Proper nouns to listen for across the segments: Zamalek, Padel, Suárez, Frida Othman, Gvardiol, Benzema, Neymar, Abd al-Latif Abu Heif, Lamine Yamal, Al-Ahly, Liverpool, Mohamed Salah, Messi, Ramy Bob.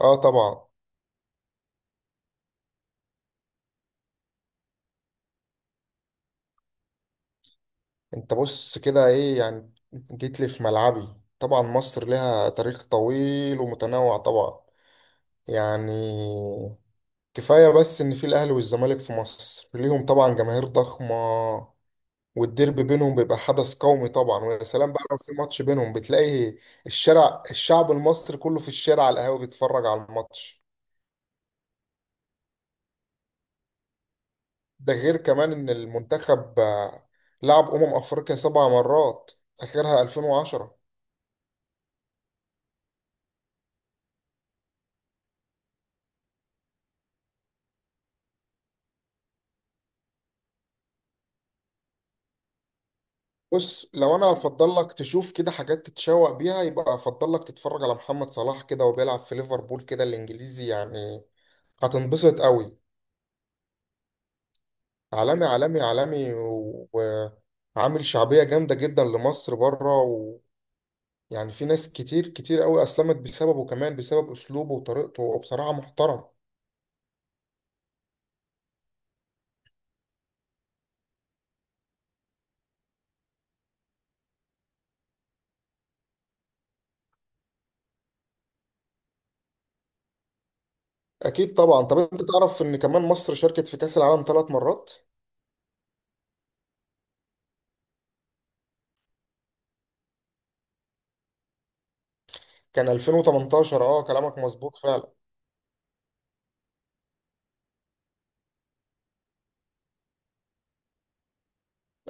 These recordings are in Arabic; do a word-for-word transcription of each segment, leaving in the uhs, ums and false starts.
اه طبعا. انت بص كده، ايه يعني جيت لي في ملعبي؟ طبعا مصر لها تاريخ طويل ومتنوع، طبعا يعني كفاية بس ان في الاهلي والزمالك في مصر ليهم طبعا جماهير ضخمة، والديربي بينهم بيبقى حدث قومي طبعا. ويا سلام بقى لو في ماتش بينهم بتلاقي الشارع، الشعب المصري كله في الشارع على القهاوي بيتفرج على الماتش. ده غير كمان ان المنتخب آه، لعب امم افريقيا سبع مرات، اخرها ألفين وعشرة. بص، لو انا افضل لك تشوف كده حاجات تتشوق بيها، يبقى افضل لك تتفرج على محمد صلاح كده، وبيلعب في ليفربول كده الانجليزي يعني. هتنبسط قوي. عالمي عالمي عالمي، وعامل شعبية جامدة جدا لمصر بره، ويعني في ناس كتير كتير قوي اسلمت بسببه، كمان بسبب اسلوبه وطريقته، وبصراحة محترم. اكيد طبعا. طب انت تعرف ان كمان مصر شاركت في كأس العالم ثلاث مرات؟ كان ألفين وتمنتاشر، اه كلامك مظبوط فعلا.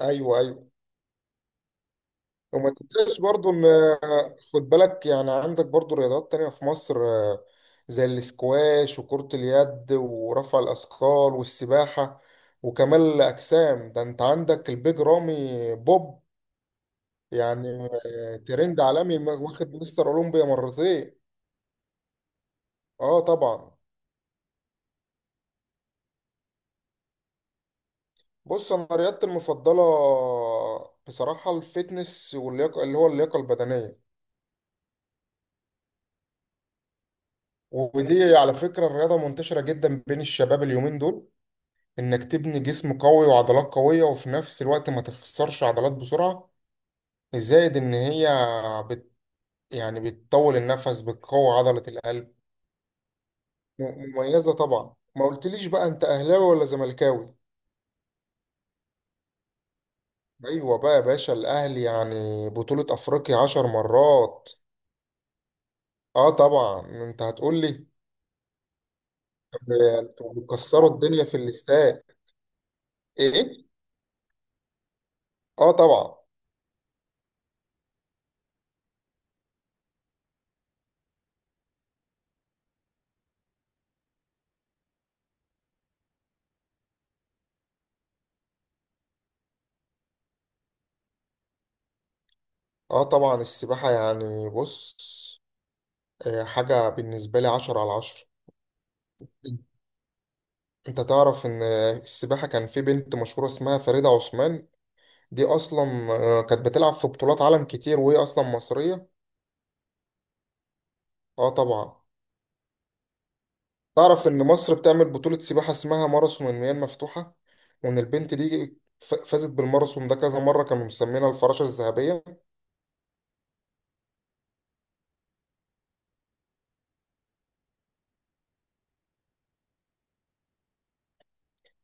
ايوه ايوه. وما تنساش برضو ان آه، خد بالك، يعني عندك برضو رياضات تانية في مصر آه، زي الاسكواش وكرة اليد ورفع الأثقال والسباحة وكمال الأجسام. ده انت عندك البيج رامي بوب، يعني آه، ترند عالمي، م- واخد مستر أولمبيا مرتين. اه طبعا. بص انا رياضتي المفضلة بصراحة الفتنس واللياقة، اللي هو اللياقة البدنية. ودي على فكرة الرياضة منتشرة جدا بين الشباب اليومين دول، انك تبني جسم قوي وعضلات قوية وفي نفس الوقت ما تخسرش عضلات بسرعة. زائد ان هي بت يعني بتطول النفس، بتقوي عضلة القلب. م- مميزة طبعا. ما قلتليش بقى انت اهلاوي ولا زملكاوي؟ ايوه بقى يا باشا، الاهلي يعني بطولة افريقيا عشر مرات. اه طبعا انت هتقولي، طب انتوا بتكسروا الدنيا في الاستاد. ايه. اه طبعا. اه طبعا، السباحة يعني، بص آه، حاجة بالنسبة لي عشرة على عشرة. انت تعرف ان السباحة كان في بنت مشهورة اسمها فريدة عثمان، دي اصلا آه، كانت بتلعب في بطولات عالم كتير وهي اصلا مصرية. اه طبعا. تعرف ان مصر بتعمل بطولة سباحة اسمها ماراثون المياه المفتوحة، وان البنت دي ف- فازت بالماراثون ده كذا مرة، كانوا مسمينها الفراشة الذهبية.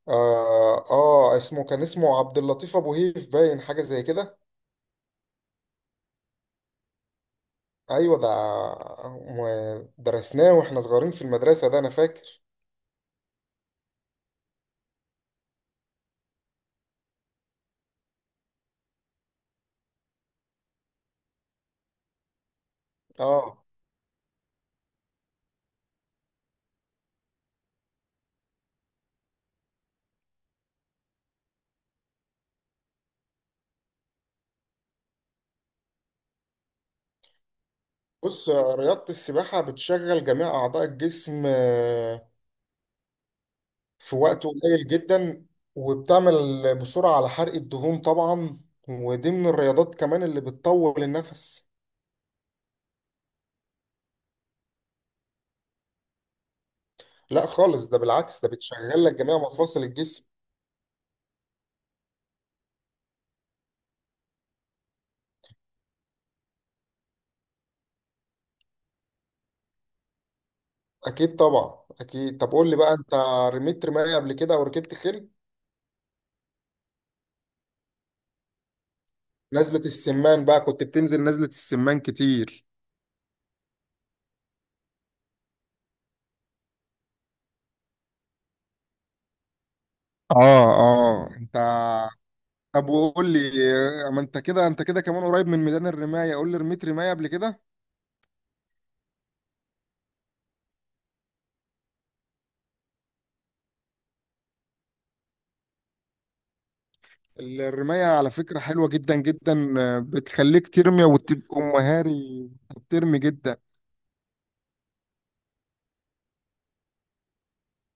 آه, اه اسمه، كان اسمه عبد اللطيف ابو هيف، باين حاجة زي كده. ايوه ده م- درسناه واحنا صغيرين في المدرسة، ده انا فاكر. اه. بص رياضة السباحة بتشغل جميع أعضاء الجسم آه، في وقت قليل جدا، وبتعمل بسرعة على حرق الدهون طبعا. ودي من الرياضات كمان اللي بتطول النفس. لا خالص، ده بالعكس، ده بتشغل لك جميع مفاصل الجسم. أكيد طبعا أكيد. طب قول لي بقى، أنت رميت رماية قبل كده أو ركبت خيل؟ نزلة السمان بقى، كنت بتنزل نزلة السمان كتير. اه. اه انت. طب وقول لي آه، ما انت كده، انت كده كمان قريب من ميدان الرماية، قول لي رميت رماية قبل كده؟ الرماية على فكرة حلوة جدا جدا، آه، بتخليك ترمي وتبقى مهاري، بترمي جدا.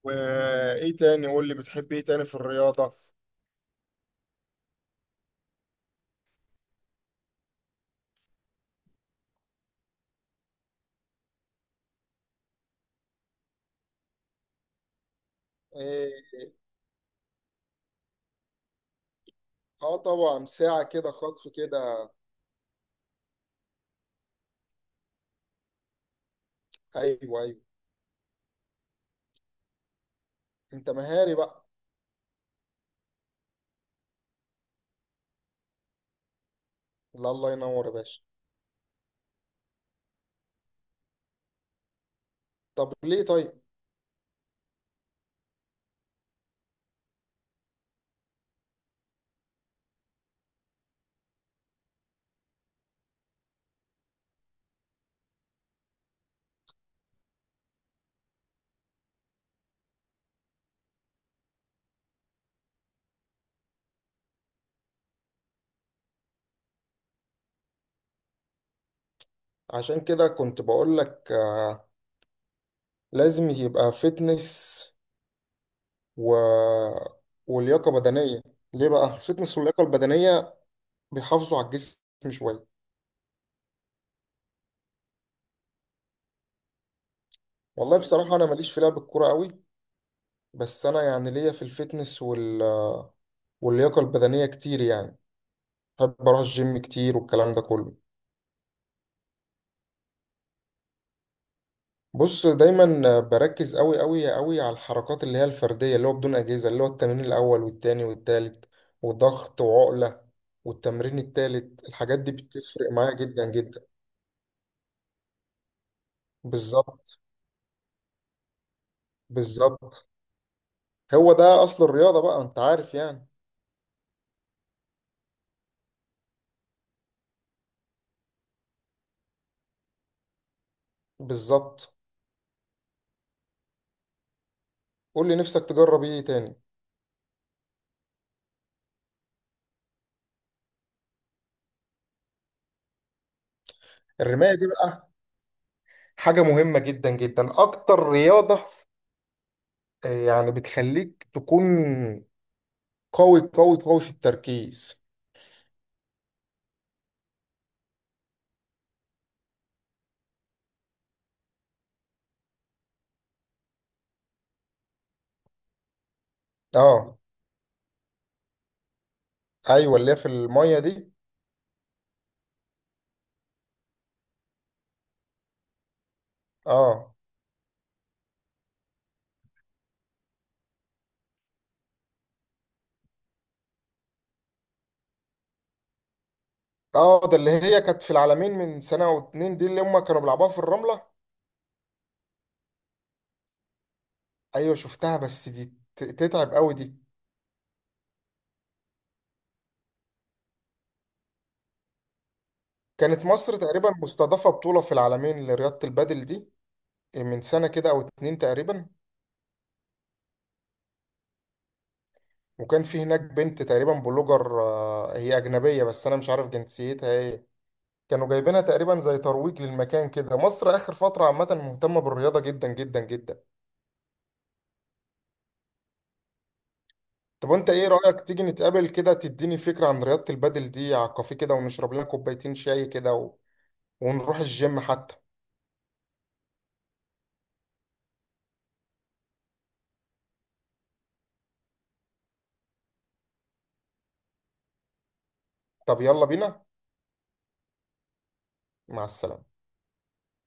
وايه تاني؟ قول لي بتحب ايه تاني في الرياضة؟ ايه. اه طبعا، ساعة كده، خطف كده. ايوه ايوه. انت مهاري بقى. لا الله ينور يا باشا. طب ليه طيب؟ عشان كده كنت بقول لك آه، لازم يبقى فتنس و... ولياقة بدنية. ليه بقى؟ الفتنس واللياقة البدنية بيحافظوا على الجسم شوية. والله بصراحة أنا ماليش في لعب الكورة قوي، بس أنا يعني ليا في الفتنس وال... واللياقة البدنية كتير يعني، بحب أروح الجيم كتير والكلام ده كله. بص دايما بركز قوي قوي قوي على الحركات اللي هي الفردية، اللي هو بدون أجهزة، اللي هو التمرين الأول والتاني والتالت وضغط وعقلة، والتمرين التالت، الحاجات دي بتفرق معايا جدا جدا. بالظبط بالظبط، هو ده اصل الرياضه بقى، انت عارف يعني. بالظبط. قول لي نفسك تجرب ايه تاني؟ الرمايه دي بقى حاجه مهمه جدا جدا، اكتر رياضه آه، يعني بتخليك تكون قوي قوي قوي في التركيز. اه. ايوه اللي هي في الميه دي. اه. اه ده اللي هي كانت في العالمين من سنه او اتنين دي، اللي هم كانوا بيلعبوها في الرمله. ايوه شفتها، بس دي ت- تتعب قوي دي. كانت مصر تقريبا مستضافه بطوله في العالمين لرياضه البادل دي آه، من سنه كده او اتنين تقريبا. وكان في هناك بنت تقريبا بلوجر، آه، هي أجنبية بس أنا مش عارف جنسيتها إيه. كانوا جايبينها تقريبا زي ترويج للمكان كده، مصر آخر فترة عامة مهتمة بالرياضة جدا جدا جدا. طب وأنت إيه رأيك تيجي نتقابل كده، تديني فكرة عن رياضة البادل دي على الكافيه كده، ونشرب لنا كوبايتين شاي كده و... ونروح الجيم حتى. طب يلا بينا. مع السلامة.